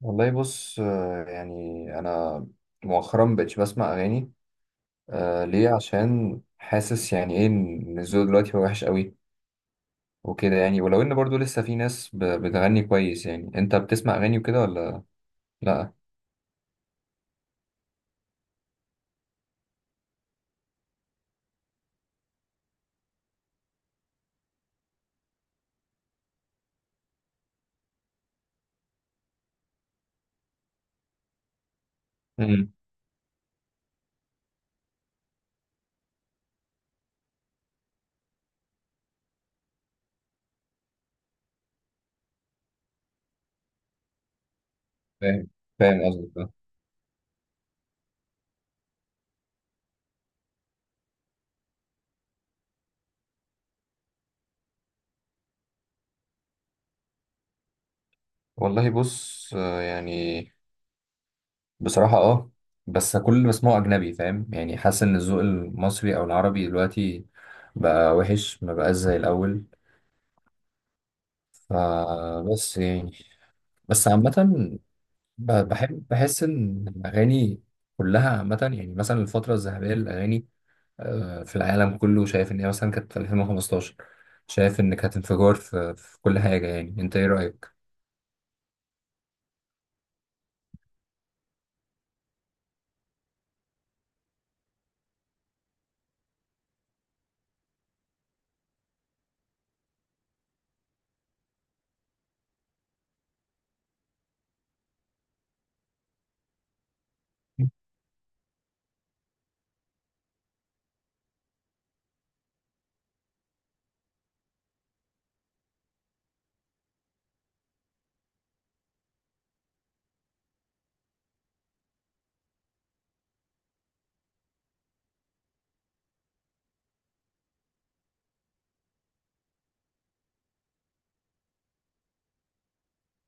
والله بص يعني انا مؤخرا مبقتش بسمع اغاني. ليه؟ عشان حاسس يعني ايه ان الذوق دلوقتي هو وحش قوي وكده يعني، ولو ان برضو لسه في ناس بتغني كويس. يعني انت بتسمع اغاني وكده ولا لا؟ امم، فاهم فاهم قصدك آه. والله بص آه يعني، بصراحة اه، بس كل اللي بسمعه اجنبي. فاهم يعني؟ حاسس ان الذوق المصري او العربي دلوقتي بقى وحش، ما بقاش زي الاول. فبس يعني، بس عامة بحب، بحس ان الاغاني كلها عامه، يعني مثلا الفتره الذهبيه للاغاني في العالم كله، شايف ان هي مثلا كانت في 2015. شايف ان كانت انفجار في كل حاجه. يعني انت ايه رايك؟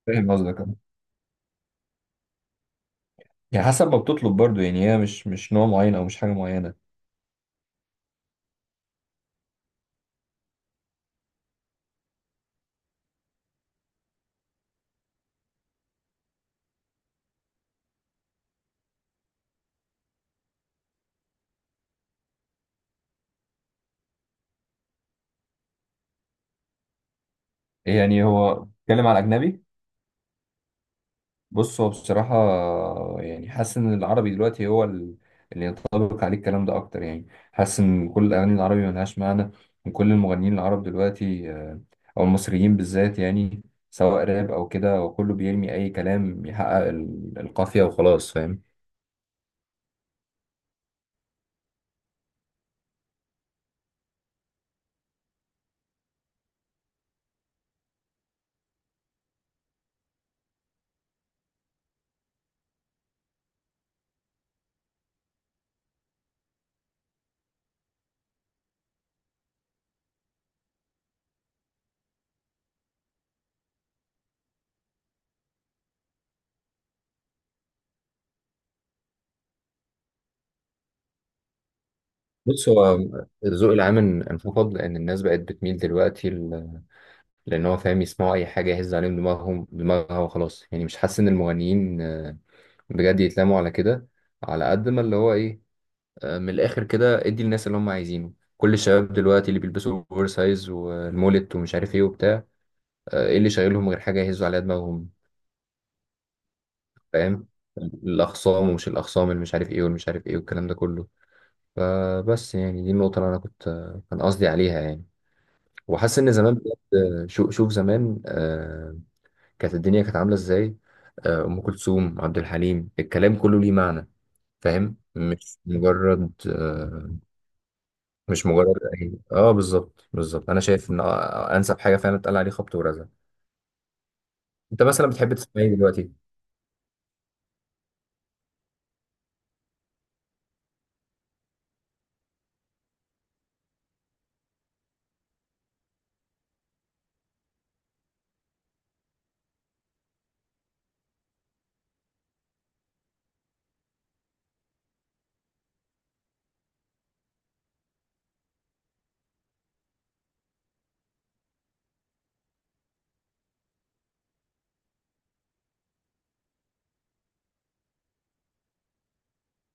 فاهم قصدك أه. يعني حسب ما بتطلب برضو، يعني هي مش نوع معين او مش حاجه معينه. يعني هو بتتكلم على اجنبي؟ بص هو بصراحة، يعني حاسس إن العربي دلوقتي هو اللي ينطبق عليه الكلام ده أكتر. يعني حاسس إن كل الأغاني العربي ملهاش معنى، وكل المغنيين العرب دلوقتي أو المصريين بالذات، يعني سواء راب أو كده، وكله بيرمي أي كلام يحقق القافية وخلاص. فاهم؟ بص هو الذوق العام انفقد، لأن الناس بقت بتميل دلوقتي لأن هو فاهم يسمعوا أي حاجة يهز عليهم دماغها وخلاص. يعني مش حاسس إن المغنيين بجد يتلاموا على كده، على قد ما اللي هو ايه، من الاخر كده ادي الناس اللي هم عايزينه. كل الشباب دلوقتي اللي بيلبسوا اوفر سايز والمولت ومش عارف ايه وبتاع، ايه اللي شايلهم غير حاجه يهزوا عليها دماغهم؟ فاهم؟ الاخصام ومش الاخصام، اللي مش عارف ايه واللي مش عارف ايه، والكلام ده كله. فبس يعني دي النقطه اللي انا كنت كان قصدي عليها يعني. وحاسس ان زمان بجد، آه، شوف زمان كانت الدنيا كانت عامله ازاي. آه، ام كلثوم، عبد الحليم، الكلام كله ليه معنى. فاهم؟ مش مجرد مش مجرد، اي اه بالظبط بالظبط. انا شايف ان انسب حاجه فعلا اتقال عليه خبط ورزع. انت مثلا بتحب تسمع ايه دلوقتي؟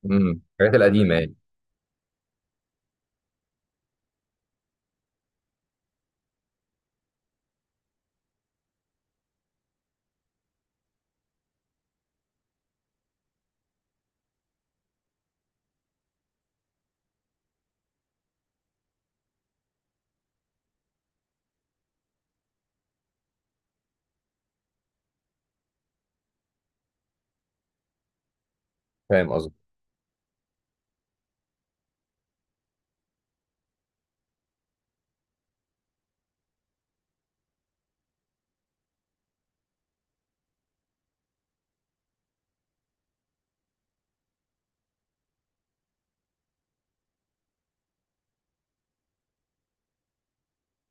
امم، الحاجات القديمه يعني. فاهم قصدي؟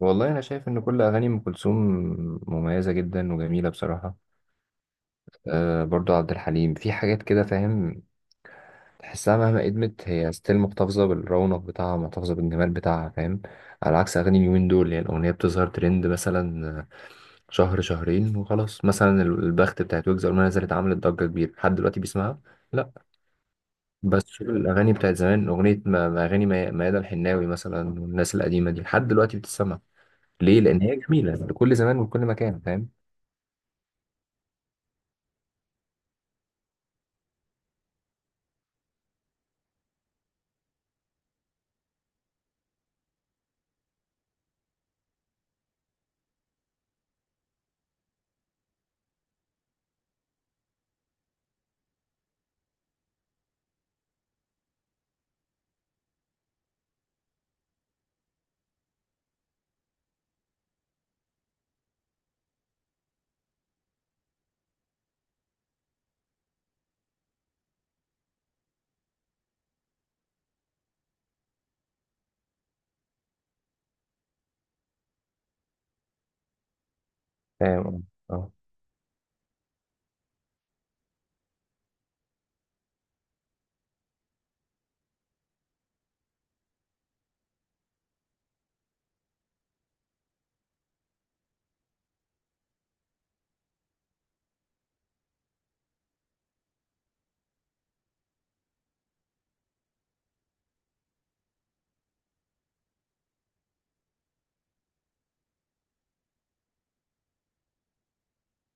والله انا شايف ان كل اغاني ام كلثوم مميزه جدا وجميله بصراحه. آه برضو عبد الحليم، في حاجات كده فاهم، تحسها مهما قدمت هي ستيل محتفظه بالرونق بتاعها، محتفظه بالجمال بتاعها. فاهم؟ على عكس اغاني اليومين دول، يعني الاغنيه بتظهر ترند مثلا شهر شهرين وخلاص. مثلا البخت بتاعت ويجز اول ما نزلت عملت ضجه كبيره، لحد دلوقتي بيسمعها. لا، بس شوف الأغاني بتاعت زمان، أغنية ما ما أغاني ميادة الحناوي مثلا، والناس القديمة دي لحد دلوقتي بتتسمع. ليه؟ لأن هي جميلة لكل زمان ولكل مكان. فاهم؟ فاهم اه آه.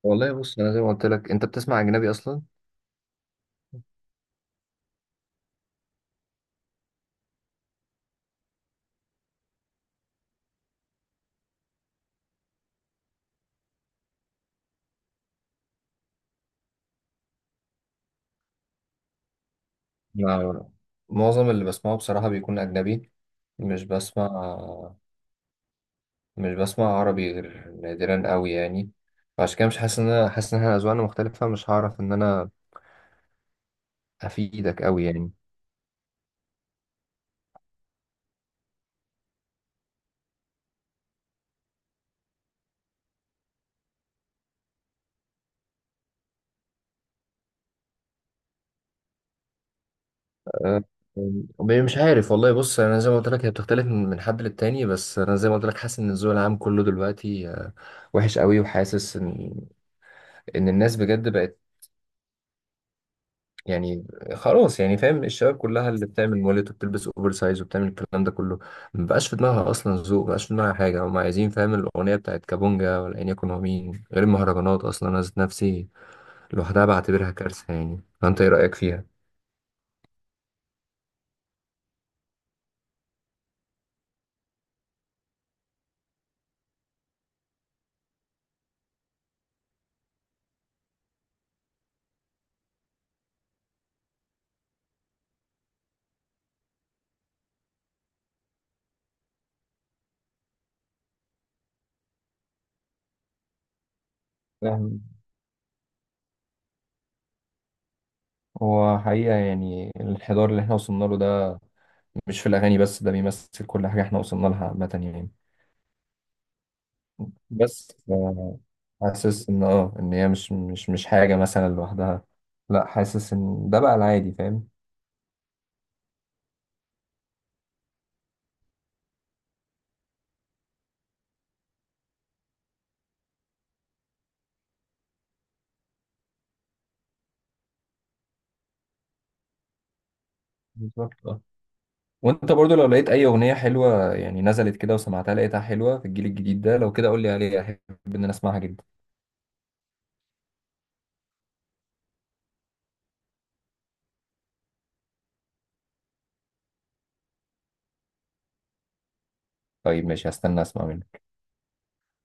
والله بص، أنا زي ما قلت لك، أنت بتسمع أجنبي أصلا؟ لا، معظم اللي بسمعه بصراحة بيكون أجنبي. مش بسمع، مش بسمع عربي غير نادرا قوي يعني. فعشان كده مش حاسس إن أنا، حاسس إن إحنا أذواقنا مختلفة، مش هعرف إن أنا أفيدك قوي يعني. آه، آه، مش عارف والله. بص انا زي ما قلت لك، هي بتختلف من من حد للتاني، بس انا زي ما قلت لك حاسس ان الذوق العام كله دلوقتي وحش قوي. وحاسس ان ان الناس بجد بقت، يعني خلاص يعني فاهم، الشباب كلها اللي بتعمل مولد وبتلبس اوفر سايز وبتعمل الكلام ده كله، ما بقاش في دماغها اصلا ذوق، ما بقاش في دماغها حاجه هم عايزين. فاهم؟ الاغنيه بتاعت كابونجا، ولا ان يكون هو مين غير، المهرجانات اصلا انا ذات نفسي لوحدها بعتبرها كارثه يعني. فانت ايه رايك فيها؟ فاهم، هو حقيقة يعني الانحدار اللي احنا وصلنا له ده مش في الاغاني بس، ده بيمثل كل حاجه احنا وصلنا لها عامه يعني. بس حاسس ان اه ان هي مش حاجه مثلا لوحدها، لا حاسس ان ده بقى العادي. فاهم؟ بالظبط اه. وانت برضو لو لقيت اي اغنيه حلوه، يعني نزلت كده وسمعتها لقيتها حلوه في الجيل الجديد ده، لو كده قول لي عليها، احب ان انا اسمعها جدا. طيب ماشي، هستنى اسمع منك.